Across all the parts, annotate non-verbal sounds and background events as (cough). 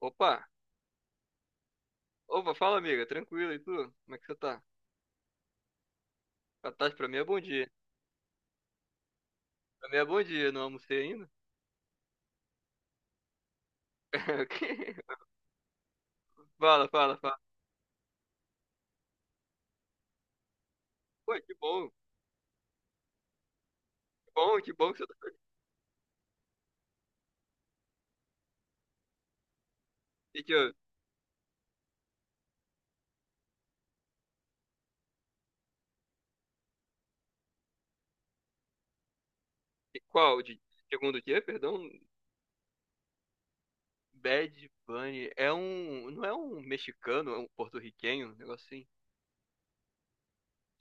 Opa! Opa, fala amiga, tranquilo, e tu? Como é que você tá? Boa tarde pra mim é bom dia. Pra mim é bom dia, não almocei ainda? (laughs) Fala, fala, fala. Pô, que bom, que bom, que bom que você tá. E que, e qual? Segundo o quê? Perdão? Bad Bunny. Não é um mexicano, é um porto-riquenho, um negócio assim.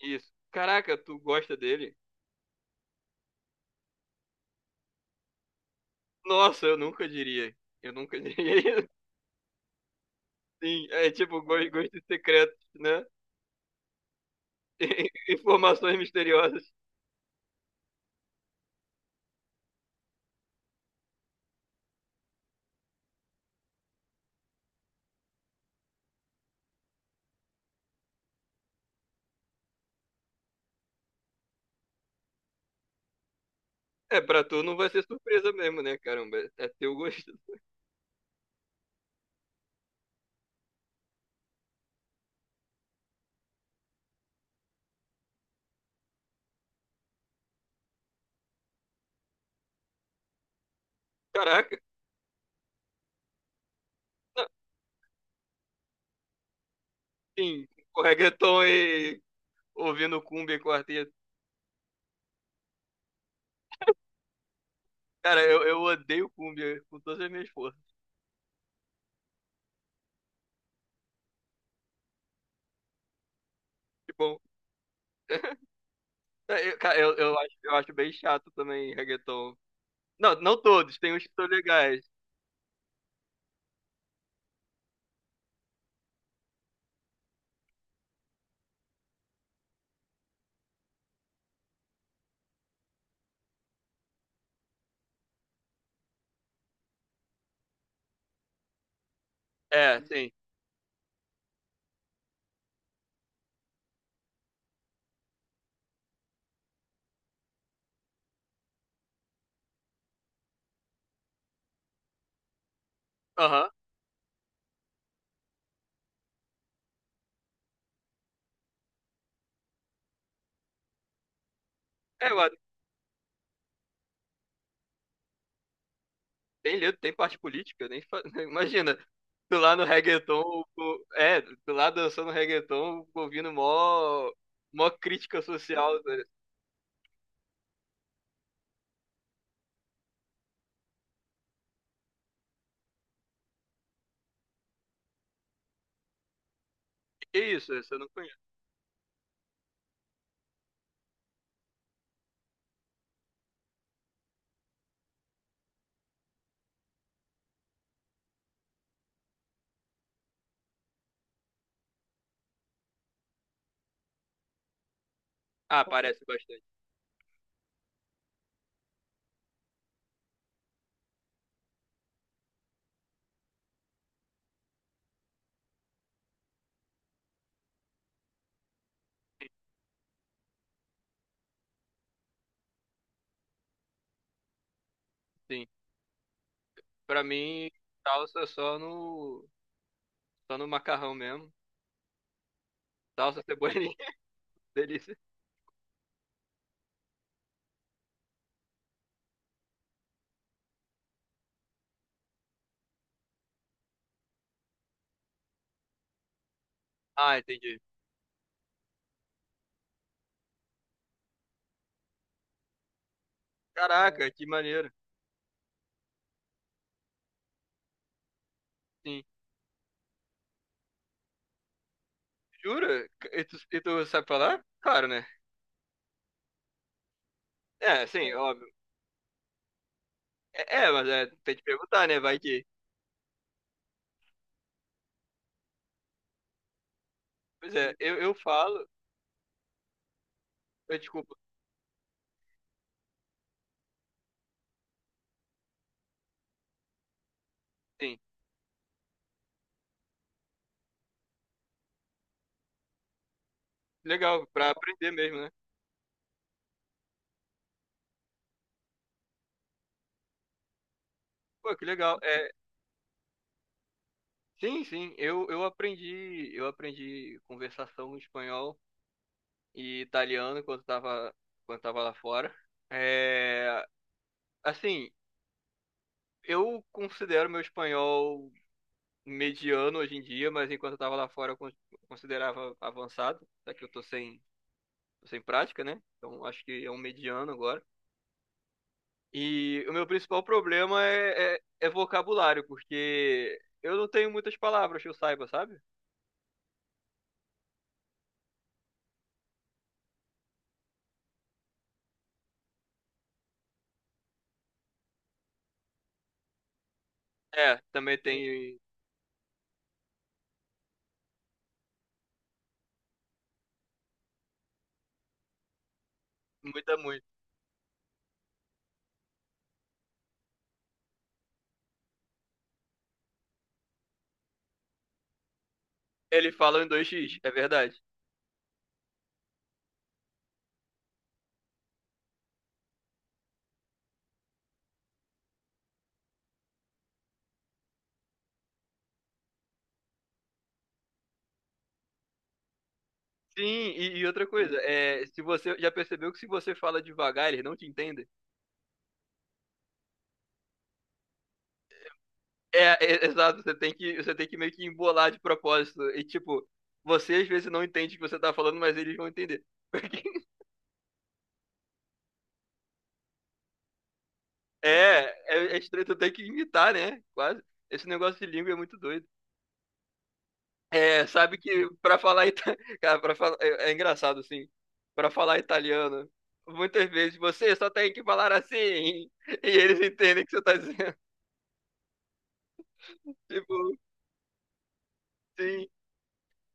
Isso. Caraca, tu gosta dele? Nossa, eu nunca diria. Eu nunca diria. (laughs) Sim, é tipo gostos secretos, né? (laughs) Informações misteriosas. É, pra tu não vai ser surpresa mesmo, né, caramba? É teu gosto. Caraca. Não, sim, com reggaeton e ouvindo cumbia e quarteto. Cara, eu odeio cumbia com todas as minhas forças. Que bom. (laughs) Eu, cara, eu acho bem chato também reggaeton. Não, não todos, tem uns que são legais. É, sim. Aham. É, tem letra, tem parte política, nem fa- (laughs) imagina. Tu lá no reggaeton, tu lá dançando reggaeton, ouvindo mó crítica social. Que isso? Esse eu não conheço. Ah, parece bastante. Sim. Pra mim, salsa é só no macarrão mesmo. Salsa, cebolinha, (laughs) delícia. Ah, entendi. Caraca, que maneiro. Sim. Jura? E tu sabe falar? Claro, né? É, sim, óbvio. É, mas é, tem que perguntar, né? Vai que. Pois é, eu falo. Eu, desculpa. Sim. Legal, pra aprender mesmo, né? Pô, que legal. É, sim, sim, eu aprendi conversação em espanhol e italiano enquanto tava lá fora. É, assim, eu considero meu espanhol mediano hoje em dia, mas enquanto eu tava lá fora eu considerava avançado, só que eu tô sem prática, né? Então acho que é um mediano agora. E o meu principal problema é vocabulário, porque eu não tenho muitas palavras que eu saiba, sabe? É, também tem muita, muito. Ele fala em 2x, é verdade. Sim, e outra coisa, é, se você já percebeu que se você fala devagar, eles não te entendem? É, exato, você tem que meio que embolar de propósito. E tipo, você às vezes não entende o que você tá falando, mas eles vão entender. Porque (laughs) é, é estranho, tu tem que imitar, né? Quase. Esse negócio de língua é muito doido. É, sabe que pra falar ita... (laughs) Cara, É, engraçado, assim. Pra falar italiano, muitas vezes você só tem que falar assim. (laughs) E eles entendem o que você tá dizendo. (laughs) Tipo, sim.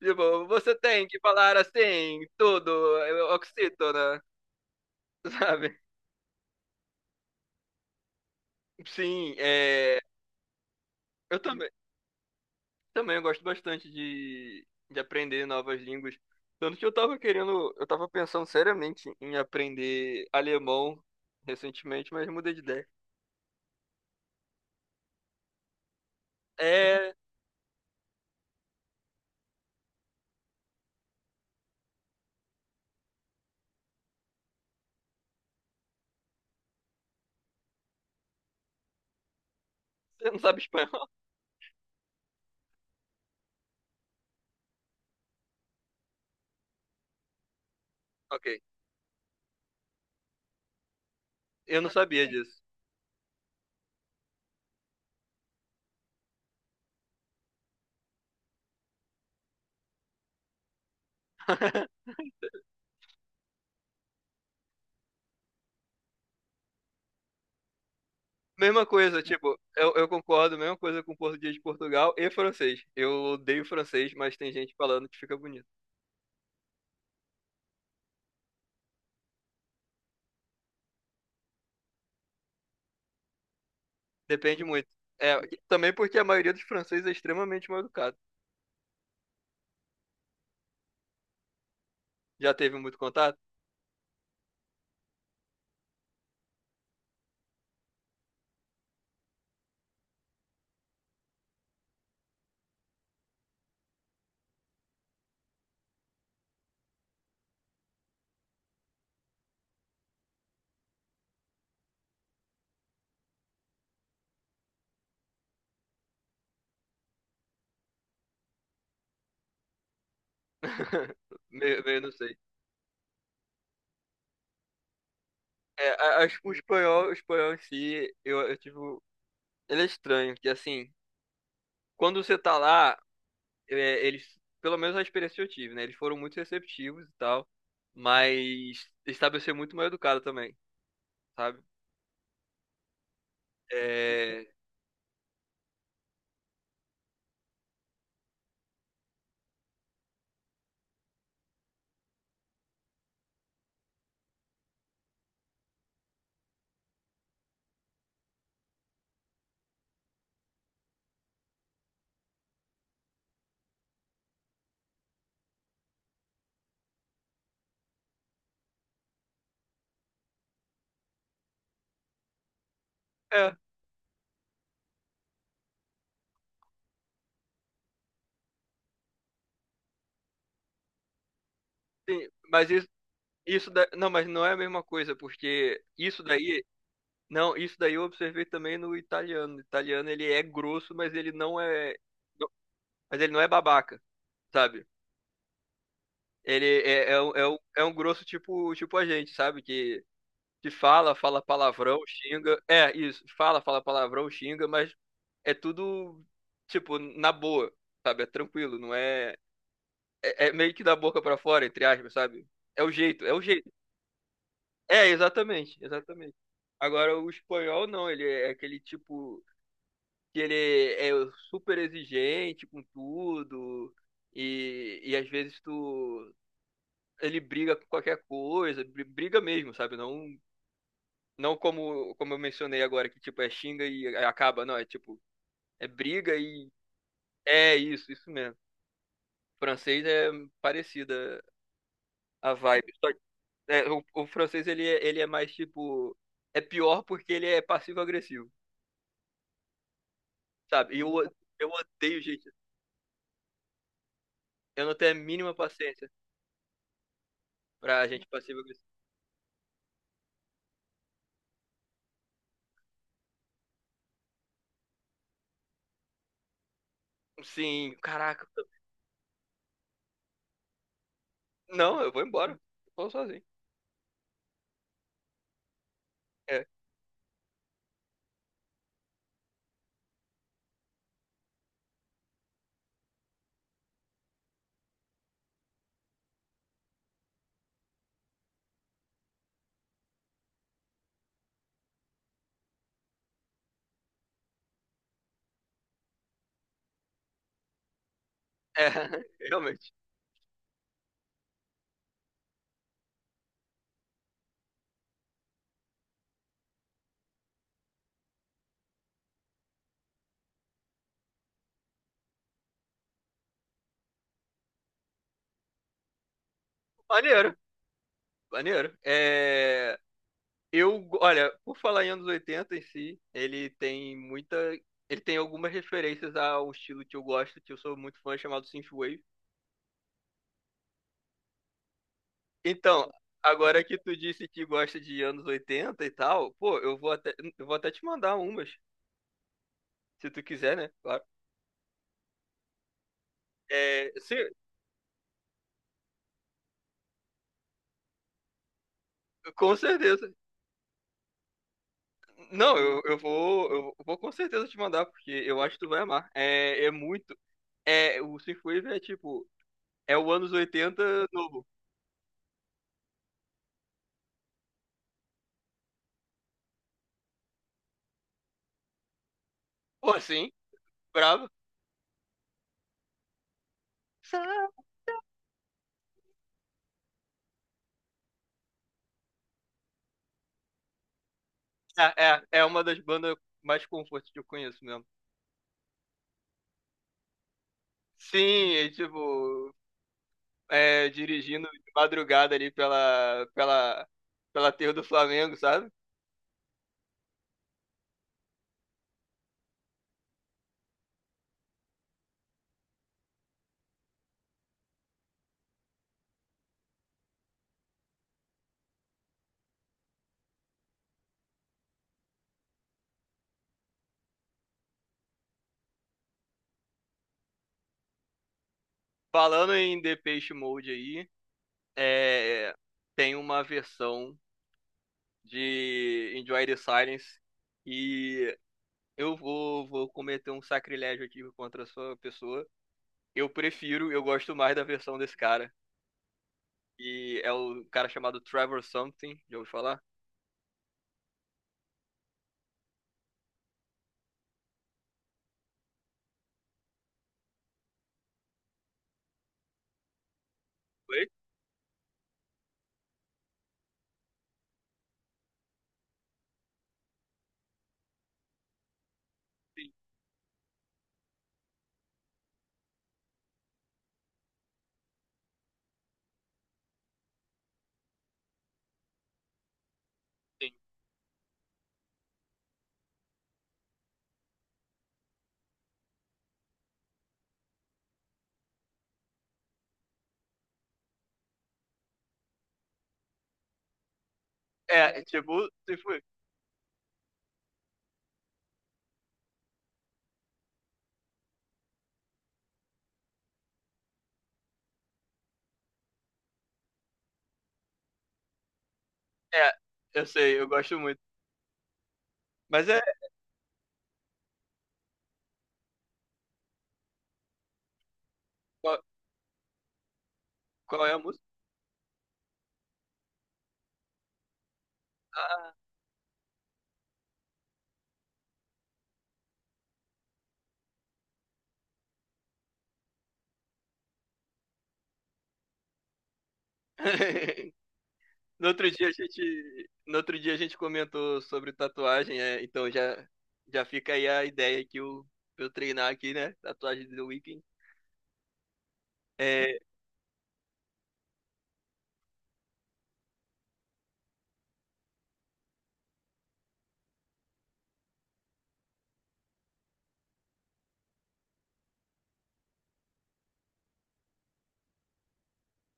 Tipo, você tem que falar assim, tudo, é, oxítona, (laughs) sabe? Sim, é, eu também eu gosto bastante de aprender novas línguas. Tanto que eu tava querendo, eu tava pensando seriamente em aprender alemão recentemente, mas mudei de ideia. É, você não sabe espanhol? (laughs) Ok, eu não sabia disso. (laughs) Mesma coisa, tipo, eu concordo, mesma coisa com português de Portugal e francês. Eu odeio francês, mas tem gente falando que fica bonito. Depende muito. É, também porque a maioria dos franceses é extremamente mal educado. Já teve muito contato? (laughs) Meio não sei. É, acho que o espanhol em si, eu tive. Ele é estranho, que assim, quando você tá lá, é, eles, pelo menos a experiência que eu tive, né? Eles foram muito receptivos e tal, mas estabelecer muito mal educado também, sabe? É, é, sim, mas isso da, não, mas não é a mesma coisa, porque isso daí. Não, isso daí eu observei também no italiano. O italiano ele é grosso, mas ele não é, não- mas ele não é babaca, sabe? Ele é um grosso tipo, tipo a gente, sabe? Que fala palavrão, xinga. É, isso, fala palavrão, xinga, mas é tudo, tipo, na boa, sabe? É tranquilo, não é. É, meio que da boca pra fora, entre aspas, sabe? É o jeito, é o jeito. É, exatamente, exatamente. Agora o espanhol não, ele é aquele tipo que ele é super exigente com tudo e às vezes tu ele briga com qualquer coisa, briga mesmo, sabe? Não, não como como eu mencionei agora, que tipo é xinga e acaba, não, é tipo é briga e é isso, isso mesmo. O francês é parecida a vibe. Só que, é, o francês ele é mais tipo, é pior porque ele é passivo-agressivo, sabe? E eu odeio gente. Eu não tenho a mínima paciência pra gente passiva. Sim, caraca. Não, eu vou embora. Eu vou sozinho. É, é, (laughs) realmente. Maneiro, maneiro. É, eu, olha, por falar em anos 80 em si, ele tem muita. Ele tem algumas referências a um estilo que eu gosto, que eu sou muito fã, chamado Synthwave. Então, agora que tu disse que gosta de anos 80 e tal, pô, eu vou até te mandar umas, se tu quiser, né? Claro. É, sim, com certeza. Não, eu vou com certeza te mandar, porque eu acho que tu vai amar. É, é muito. É, o Synthwave é tipo, é o anos 80 novo. Pô, sim, bravo. É, uma das bandas mais comfort que eu conheço mesmo. Sim, é tipo, é, dirigindo de madrugada ali pela terra do Flamengo, sabe? Falando em Depeche Mode aí, é, tem uma versão de Enjoy the Silence. E eu vou cometer um sacrilégio aqui contra a sua pessoa. Eu prefiro, eu gosto mais da versão desse cara. E é o cara chamado Trevor Something, já ouviu falar? Foi? Sim, sim. É, é tipo, é, eu sei, eu gosto muito. Mas é, qual, qual é a música? Ah. (laughs) No outro dia a gente, no outro dia a gente comentou sobre tatuagem, é, então já, já fica aí a ideia que eu treinar aqui, né? Tatuagem do The Weeknd. É,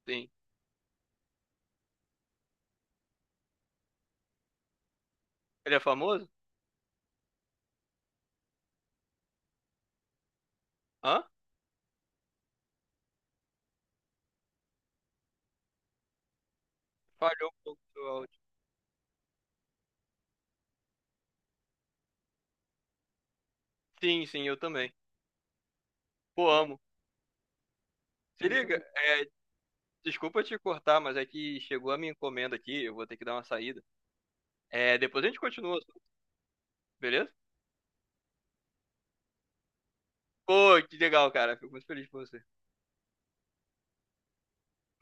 sim. Ele é famoso? Hã? Falhou um pouco do áudio. Sim, sim, eu também. Pô, amo. Se liga, é, desculpa te cortar, mas é que chegou a minha encomenda aqui, eu vou ter que dar uma saída. É, depois a gente continua, beleza? Pô, que legal, cara. Fico muito feliz por você.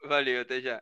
Valeu, até já.